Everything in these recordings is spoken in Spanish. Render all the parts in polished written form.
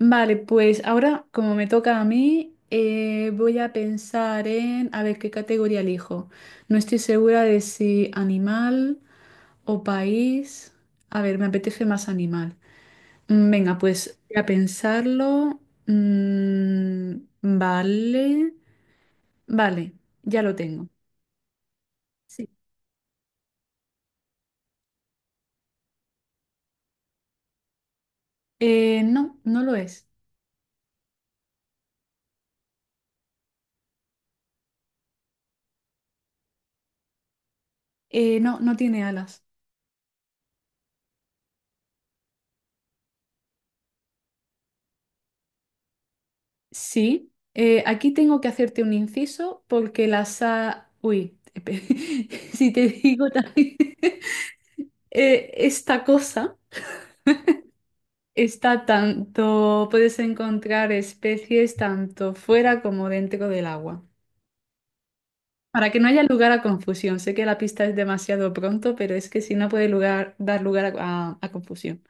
Vale, pues ahora, como me toca a mí, voy a pensar en, a ver, qué categoría elijo. No estoy segura de si animal o país. A ver, me apetece más animal. Venga, pues voy a pensarlo. Mm, vale, vale, ya lo tengo. Sí. No, no lo es. No, no tiene alas. Sí, aquí tengo que hacerte un inciso porque la sa... Uy, si te digo también... esta cosa está tanto... Puedes encontrar especies tanto fuera como dentro del agua. Para que no haya lugar a confusión. Sé que la pista es demasiado pronto, pero es que si no puede lugar, dar lugar a confusión.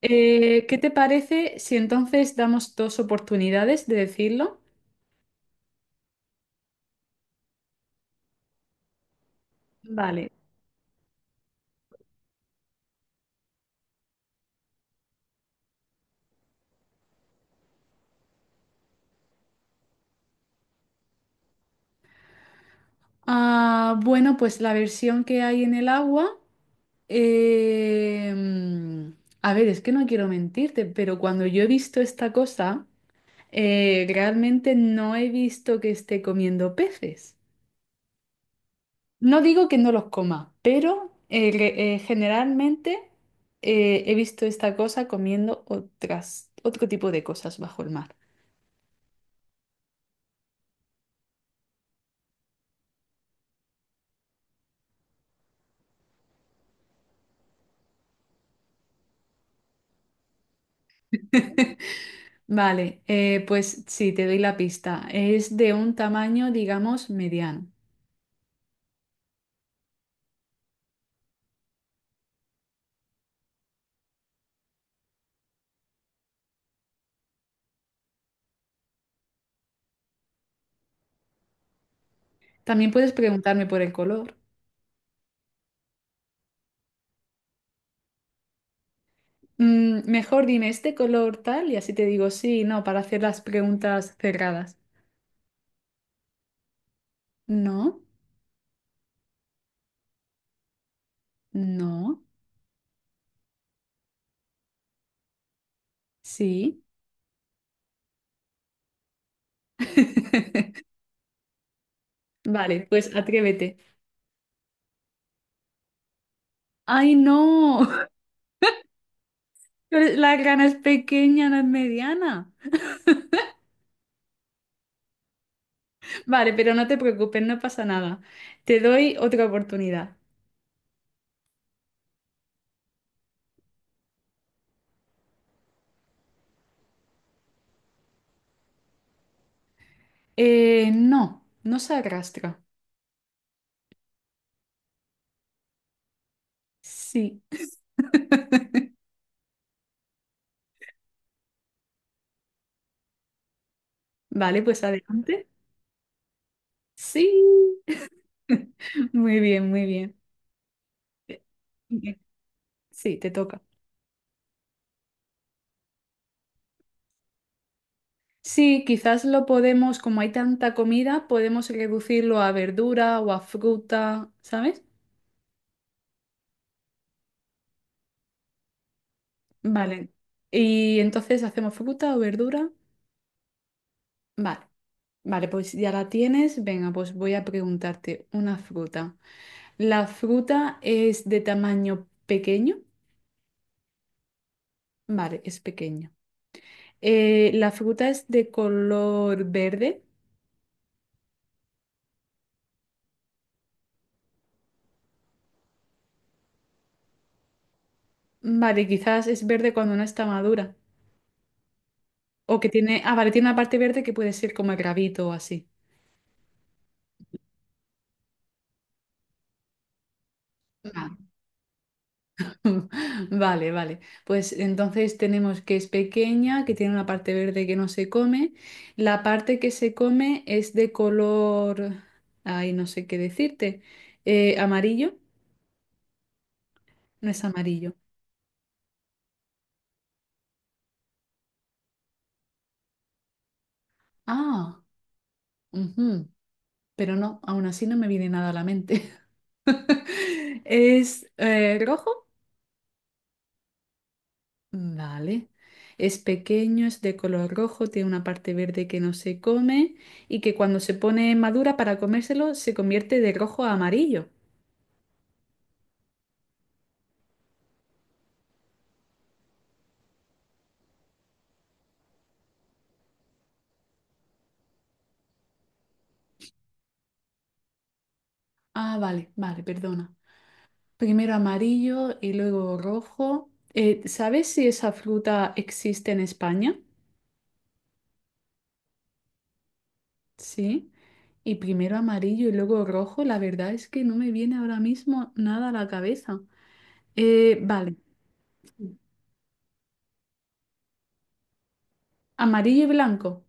¿Qué te parece si entonces damos dos oportunidades de decirlo? Vale. Ah, bueno, pues la versión que hay en el agua, em, a ver, es que no quiero mentirte, pero cuando yo he visto esta cosa, realmente no he visto que esté comiendo peces. No digo que no los coma, pero generalmente he visto esta cosa comiendo otras, otro tipo de cosas bajo el mar. Vale, pues sí, te doy la pista. Es de un tamaño, digamos, mediano. También puedes preguntarme por el color. Mm, mejor dime este color tal y así te digo sí, no, para hacer las preguntas cerradas. No, no, sí. Vale, pues atrévete. ¡Ay, no! Pero la grana es pequeña, no es mediana. Vale, pero no te preocupes, no pasa nada. Te doy otra oportunidad. No, no se arrastra. Sí. Vale, pues adelante. Sí. Muy bien, muy bien. Eh, Sí, te toca. Sí, quizás lo podemos, como hay tanta comida, podemos reducirlo a verdura o a fruta, ¿sabes? Vale. Y entonces hacemos fruta o verdura. Vale. Vale, pues ya la tienes. Venga, pues voy a preguntarte una fruta. ¿La fruta es de tamaño pequeño? Vale, es pequeño. ¿La fruta es de color verde? Vale, quizás es verde cuando no está madura. O que tiene, ah, vale, tiene una parte verde que puede ser como el rabito o así. Vale. Vale, vale. Pues entonces tenemos que es pequeña, que tiene una parte verde que no se come. La parte que se come es de color, ay, no sé qué decirte. Amarillo, no es amarillo. Ah, ujú. Pero no, aún así no me viene nada a la mente. ¿Es rojo? Vale. Es pequeño, es de color rojo, tiene una parte verde que no se come y que cuando se pone madura para comérselo se convierte de rojo a amarillo. Ah, vale, vale, perdona. Primero amarillo y luego rojo. ¿Sabes si esa fruta existe en España? Sí. Y primero amarillo y luego rojo. La verdad es que no me viene ahora mismo nada a la cabeza. Eh, vale, Amarillo y blanco.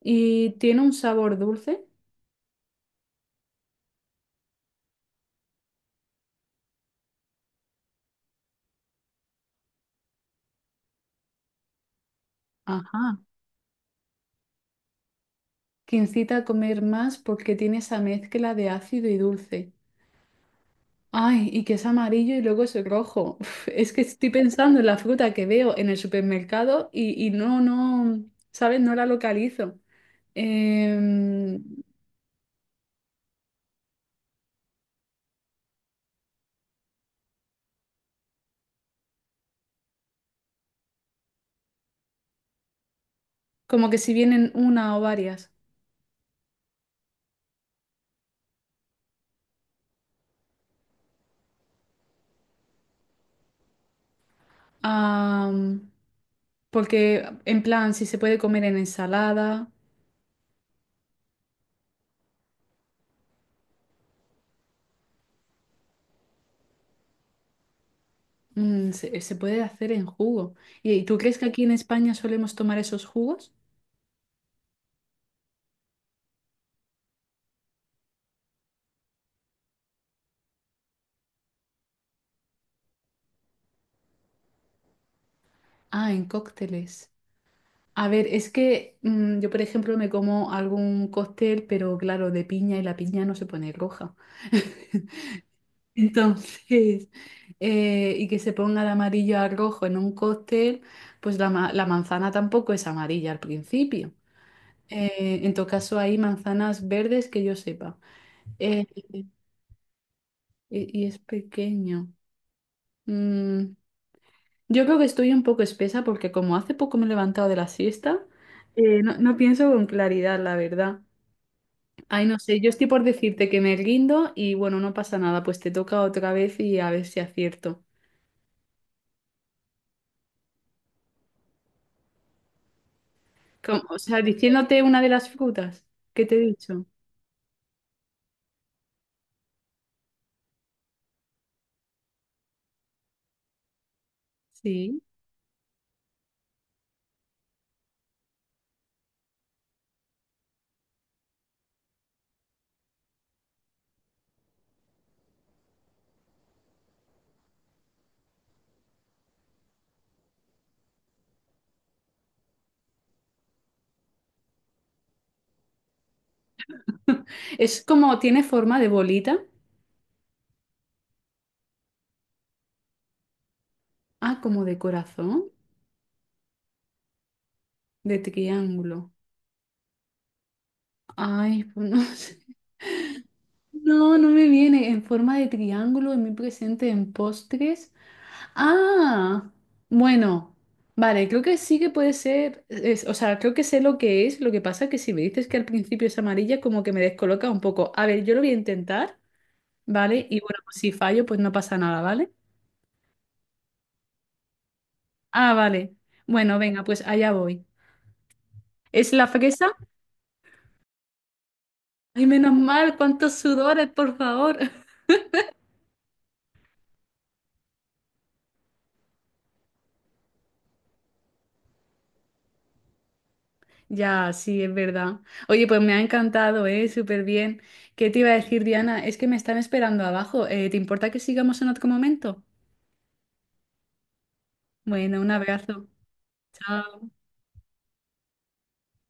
¿Y tiene un sabor dulce? Ajá, que incita a comer más porque tiene esa mezcla de ácido y dulce. Ay, y que es amarillo y luego es rojo. Uf, es que estoy pensando en la fruta que veo en el supermercado y no, no, ¿sabes? No la localizo. Em, como que si vienen una o varias. Am, porque, en plan, si se puede comer en ensalada, mm, se puede hacer en jugo. ¿Y tú crees que aquí en España solemos tomar esos jugos? Ah, en cócteles. A ver, es que mm, yo, por ejemplo, me como algún cóctel, pero claro, de piña y la piña no se pone roja. Entonces, y que se ponga de amarillo a rojo en un cóctel, pues la manzana tampoco es amarilla al principio. En todo caso, hay manzanas verdes que yo sepa. Eh, y es pequeño. Mm, yo creo que estoy un poco espesa porque como hace poco me he levantado de la siesta, no, no pienso con claridad, la verdad. Ay, no sé, yo estoy por decirte que me rindo y bueno, no pasa nada, pues te toca otra vez y a ver si acierto. Como, o sea, diciéndote una de las frutas que te he dicho. Sí. Es como, tiene forma de bolita. Ah, como de corazón, de triángulo. Ay, pues no sé. No, no me viene en forma de triángulo en mi presente en postres. Ah, bueno, vale, creo que sí que puede ser, es- o sea, creo que sé lo que es, lo que pasa que si me dices que al principio es amarilla, como que me descoloca un poco. A ver, yo lo voy a intentar, ¿vale? Y bueno, pues si fallo, pues no pasa nada, ¿vale? Ah, vale. Bueno, venga, pues allá voy. ¿Es la fresa? Ay, menos mal, cuántos sudores, por favor. Ya, sí, es verdad. Oye, pues me ha encantado, ¿eh? Súper bien. ¿Qué te iba a decir, Diana? Es que me están esperando abajo. ¿Te importa que sigamos en otro momento? Bueno, un abrazo. Chao.